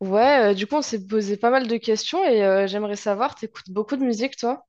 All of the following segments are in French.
Ouais, du coup, on s'est posé pas mal de questions et j'aimerais savoir, t'écoutes beaucoup de musique, toi?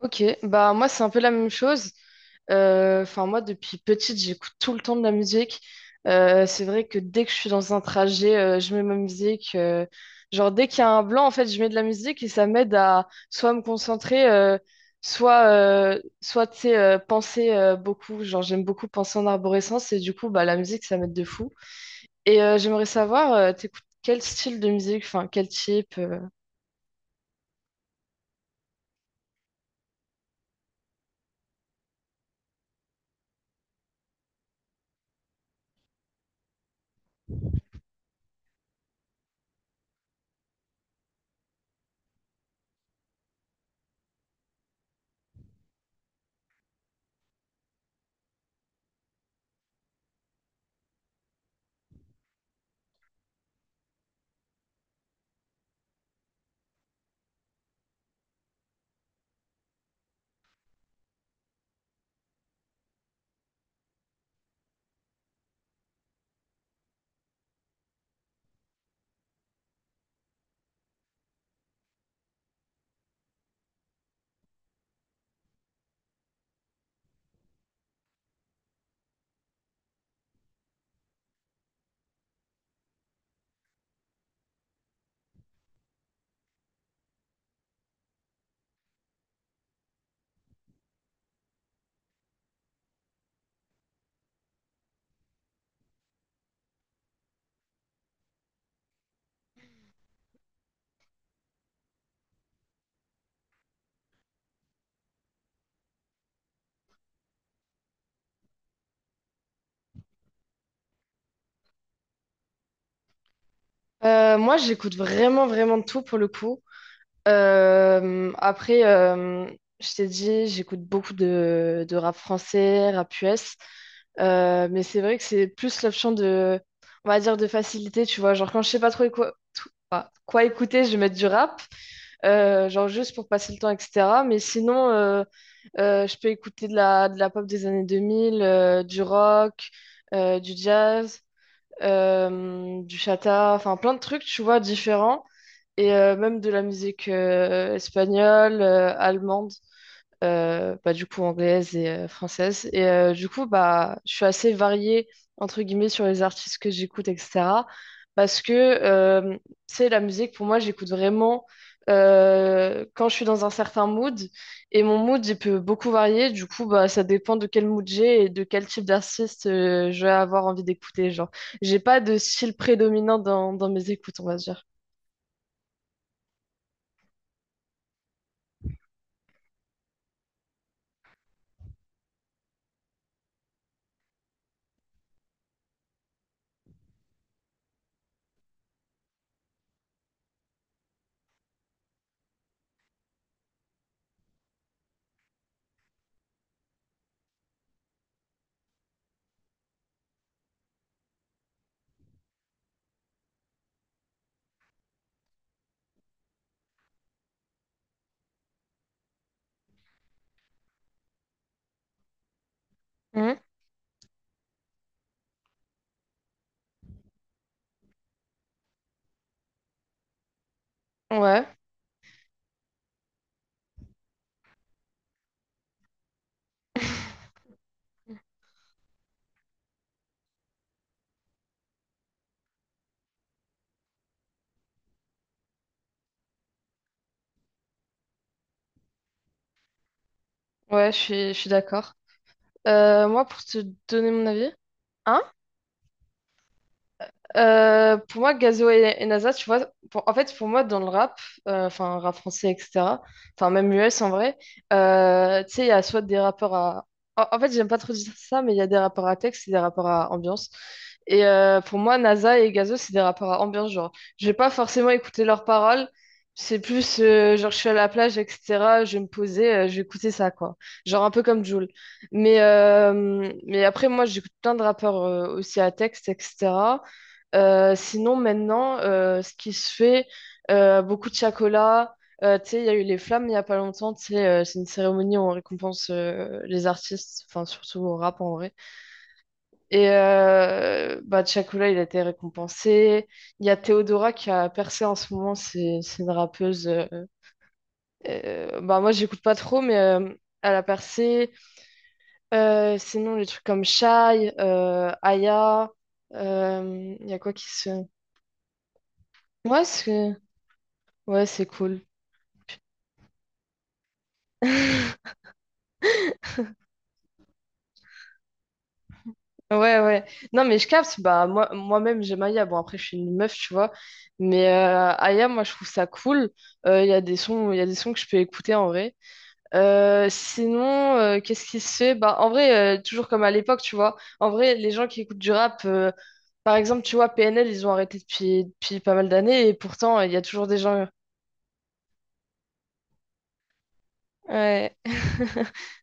Ok, bah moi, c'est un peu la même chose. Enfin, moi, depuis petite, j'écoute tout le temps de la musique. C'est vrai que dès que je suis dans un trajet, je mets ma musique, genre, dès qu'il y a un blanc, en fait, je mets de la musique et ça m'aide à soit me concentrer, soit, soit, tu sais, penser beaucoup. Genre, j'aime beaucoup penser en arborescence et du coup, bah, la musique, ça m'aide de fou. Et j'aimerais savoir, t'écoutes quel style de musique, enfin quel type moi, j'écoute vraiment, vraiment de tout pour le coup. Euh, après, euh, je t'ai dit, j'écoute beaucoup de rap français, rap US. Mais c'est vrai que c'est plus l'option, on va dire, de facilité, tu vois. Genre, quand je sais pas trop, quoi écouter, je vais mettre du rap. Genre juste pour passer le temps, etc. Mais sinon, je peux écouter de la pop des années 2000, du rock, du jazz, du chata, enfin plein de trucs, tu vois, différents. Et même de la musique espagnole, allemande du coup anglaise et française. Et je suis assez variée, entre guillemets, sur les artistes que j'écoute, etc. Parce que, tu sais, la musique, pour moi, j'écoute vraiment quand je suis dans un certain mood. Et mon mood, il peut beaucoup varier. Du coup, bah, ça dépend de quel mood j'ai et de quel type d'artiste je vais avoir envie d'écouter. Genre, j'ai pas de style prédominant dans mes écoutes, on va dire. Mhm. Ouais, ouais, je suis d'accord. Moi, pour te donner mon avis, hein? Pour moi, Gazo et NASA, tu vois, pour- en fait, pour moi, dans le rap, enfin, rap français, etc., enfin, même US en vrai, tu sais, il y a soit des rappeurs à. En fait, j'aime pas trop dire ça, mais il y a des rappeurs à texte et des rappeurs à ambiance. Et pour moi, Naza et Gazo, c'est des rappeurs à ambiance, genre, je vais pas forcément écouter leurs paroles, c'est plus, genre, je suis à la plage, etc., je vais me poser, je vais écouter ça, quoi. Genre, un peu comme Jul. Mais après, moi, j'écoute plein de rappeurs aussi à texte, etc. Sinon, maintenant, ce qui se fait, beaucoup de chocolat. Tu sais, il y a eu les flammes il n'y a pas longtemps. Tu sais, c'est une cérémonie où on récompense les artistes, enfin, surtout au rap en vrai. Et Chocolat, il a été récompensé. Il y a Théodora qui a percé en ce moment. C'est une rappeuse, moi, j'écoute pas trop, mais elle a percé. Sinon, les trucs comme Shai, Aya. Il y a quoi qui se. Ouais, c'est cool. Ouais, ouais. Non, mais je capte, bah, moi, moi-même, j'aime Aya. Bon, après, je suis une meuf, tu vois. Mais Aya, moi, je trouve ça cool. Il y a des sons, il y a des sons que je peux écouter en vrai. Sinon, qu'est-ce qui se fait? Bah, en vrai, toujours comme à l'époque, tu vois. En vrai, les gens qui écoutent du rap, par exemple, tu vois, PNL, ils ont arrêté depuis pas mal d'années. Et pourtant, il y a toujours des gens. Ouais.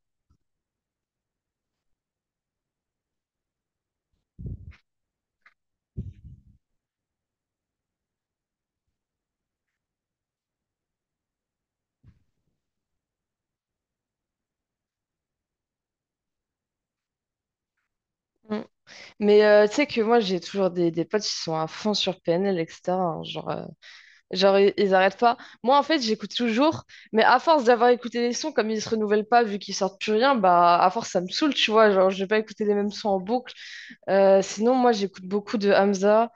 Mm. Mais tu sais que moi, j'ai toujours des potes qui sont à fond sur PNL, etc. hein, genre. Genre, ils arrêtent pas. Moi, en fait, j'écoute toujours, mais à force d'avoir écouté les sons, comme ils se renouvellent pas, vu qu'ils sortent plus rien, bah, à force, ça me saoule, tu vois. Genre, je vais pas écouter les mêmes sons en boucle. Sinon, moi, j'écoute beaucoup de Hamza,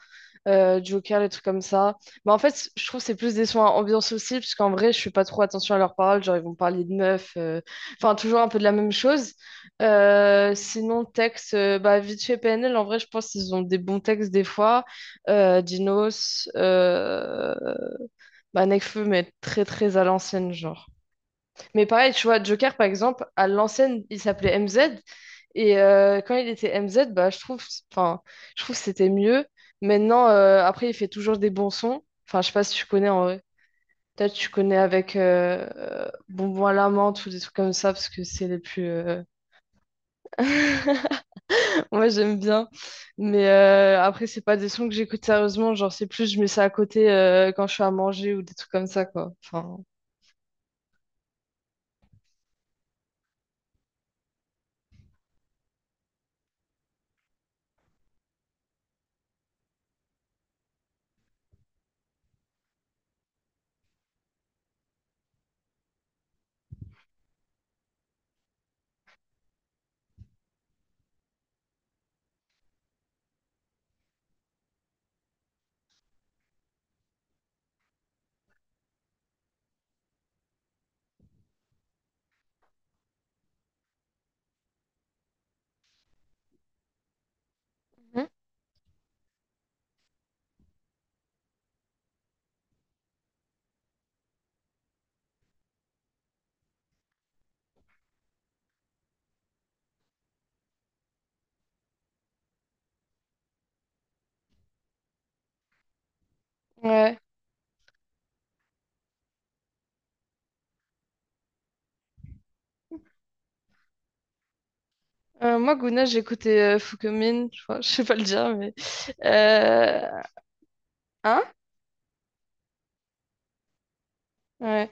Joker, les trucs comme ça. Mais en fait, je trouve que c'est plus des sons à ambiance aussi, parce qu'en vrai, je fais pas trop attention à leurs paroles. Genre, ils vont parler de meufs, enfin, toujours un peu de la même chose. Sinon, texte, vite fait PNL, en vrai, je pense qu'ils ont des bons textes des fois. Dinos, Nekfeu, mais très très à l'ancienne, genre. Mais pareil, tu vois, Joker, par exemple, à l'ancienne, il s'appelait MZ. Et quand il était MZ, bah, enfin, je trouve que c'était mieux. Maintenant, il fait toujours des bons sons. Enfin, je sais pas si tu connais en vrai. Peut-être tu connais avec Bonbon à la menthe ou des trucs comme ça, parce que c'est les plus. Moi, j'aime bien. Mais après, c'est pas des sons que j'écoute sérieusement. Genre, c'est plus, je mets ça à côté quand je suis à manger ou des trucs comme ça, quoi. Enfin, Mhm. ouais. Moi, Guna, j'écoutais Fukuyumin, je crois, je sais pas le dire, mais... Euh, Hein? Ouais.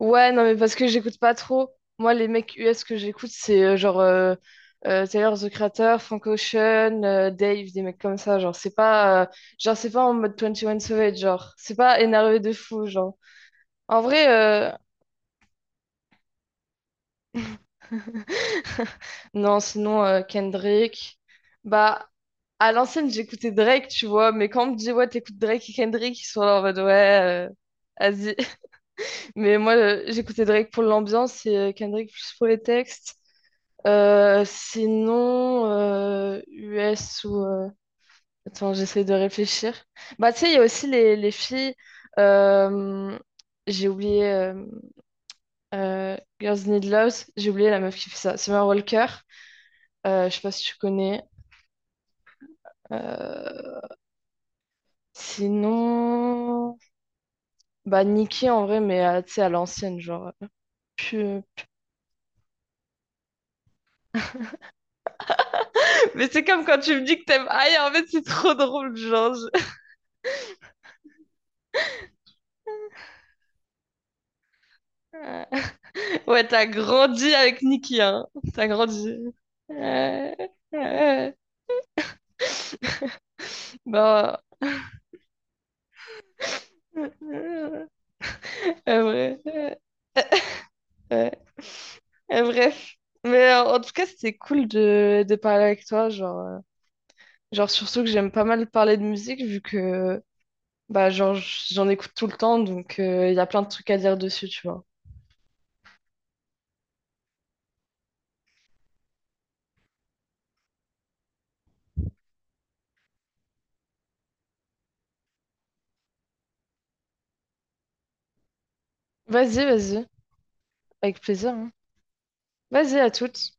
Ouais, non, mais parce que j'écoute pas trop. Moi, les mecs US que j'écoute, c'est Tyler, The Creator, Frank Ocean, Dave, des mecs comme ça. Genre, c'est pas en mode Twenty One Savage, genre. C'est pas énervé de fou, genre. En vrai, non, sinon, Kendrick. Bah, à l'ancienne, j'écoutais Drake, tu vois, mais quand on me dit, ouais, t'écoutes Drake et Kendrick, ils sont là en mode, ouais, vas-y. Mais moi, j'écoutais Drake pour l'ambiance et Kendrick plus pour les textes. US ou... attends, j'essaie de réfléchir. Bah, tu sais, il y a aussi les filles... euh, J'ai oublié... euh, Girls Need Love. J'ai oublié la meuf qui fait ça. Summer Walker. Je sais pas si tu connais. Euh, Sinon... bah, Nicki, en vrai, mais tu sais, à l'ancienne, genre... plus, mais c'est comme quand tu me dis que t'aimes Aïe, en fait, c'est trop drôle, genre... je- Ouais, t'as grandi avec Nikki, hein. T'as grandi. Euh, euh, bon. Euh, Bref. Ouais. Euh, Bref. Mais en tout cas, c'était cool de parler avec toi. Genre, surtout que j'aime pas mal parler de musique, vu que bah, genre, j'en écoute tout le temps. Donc, il y a plein de trucs à dire dessus, tu vois. Vas-y, vas-y. Avec plaisir. Hein. Vas-y, à toutes.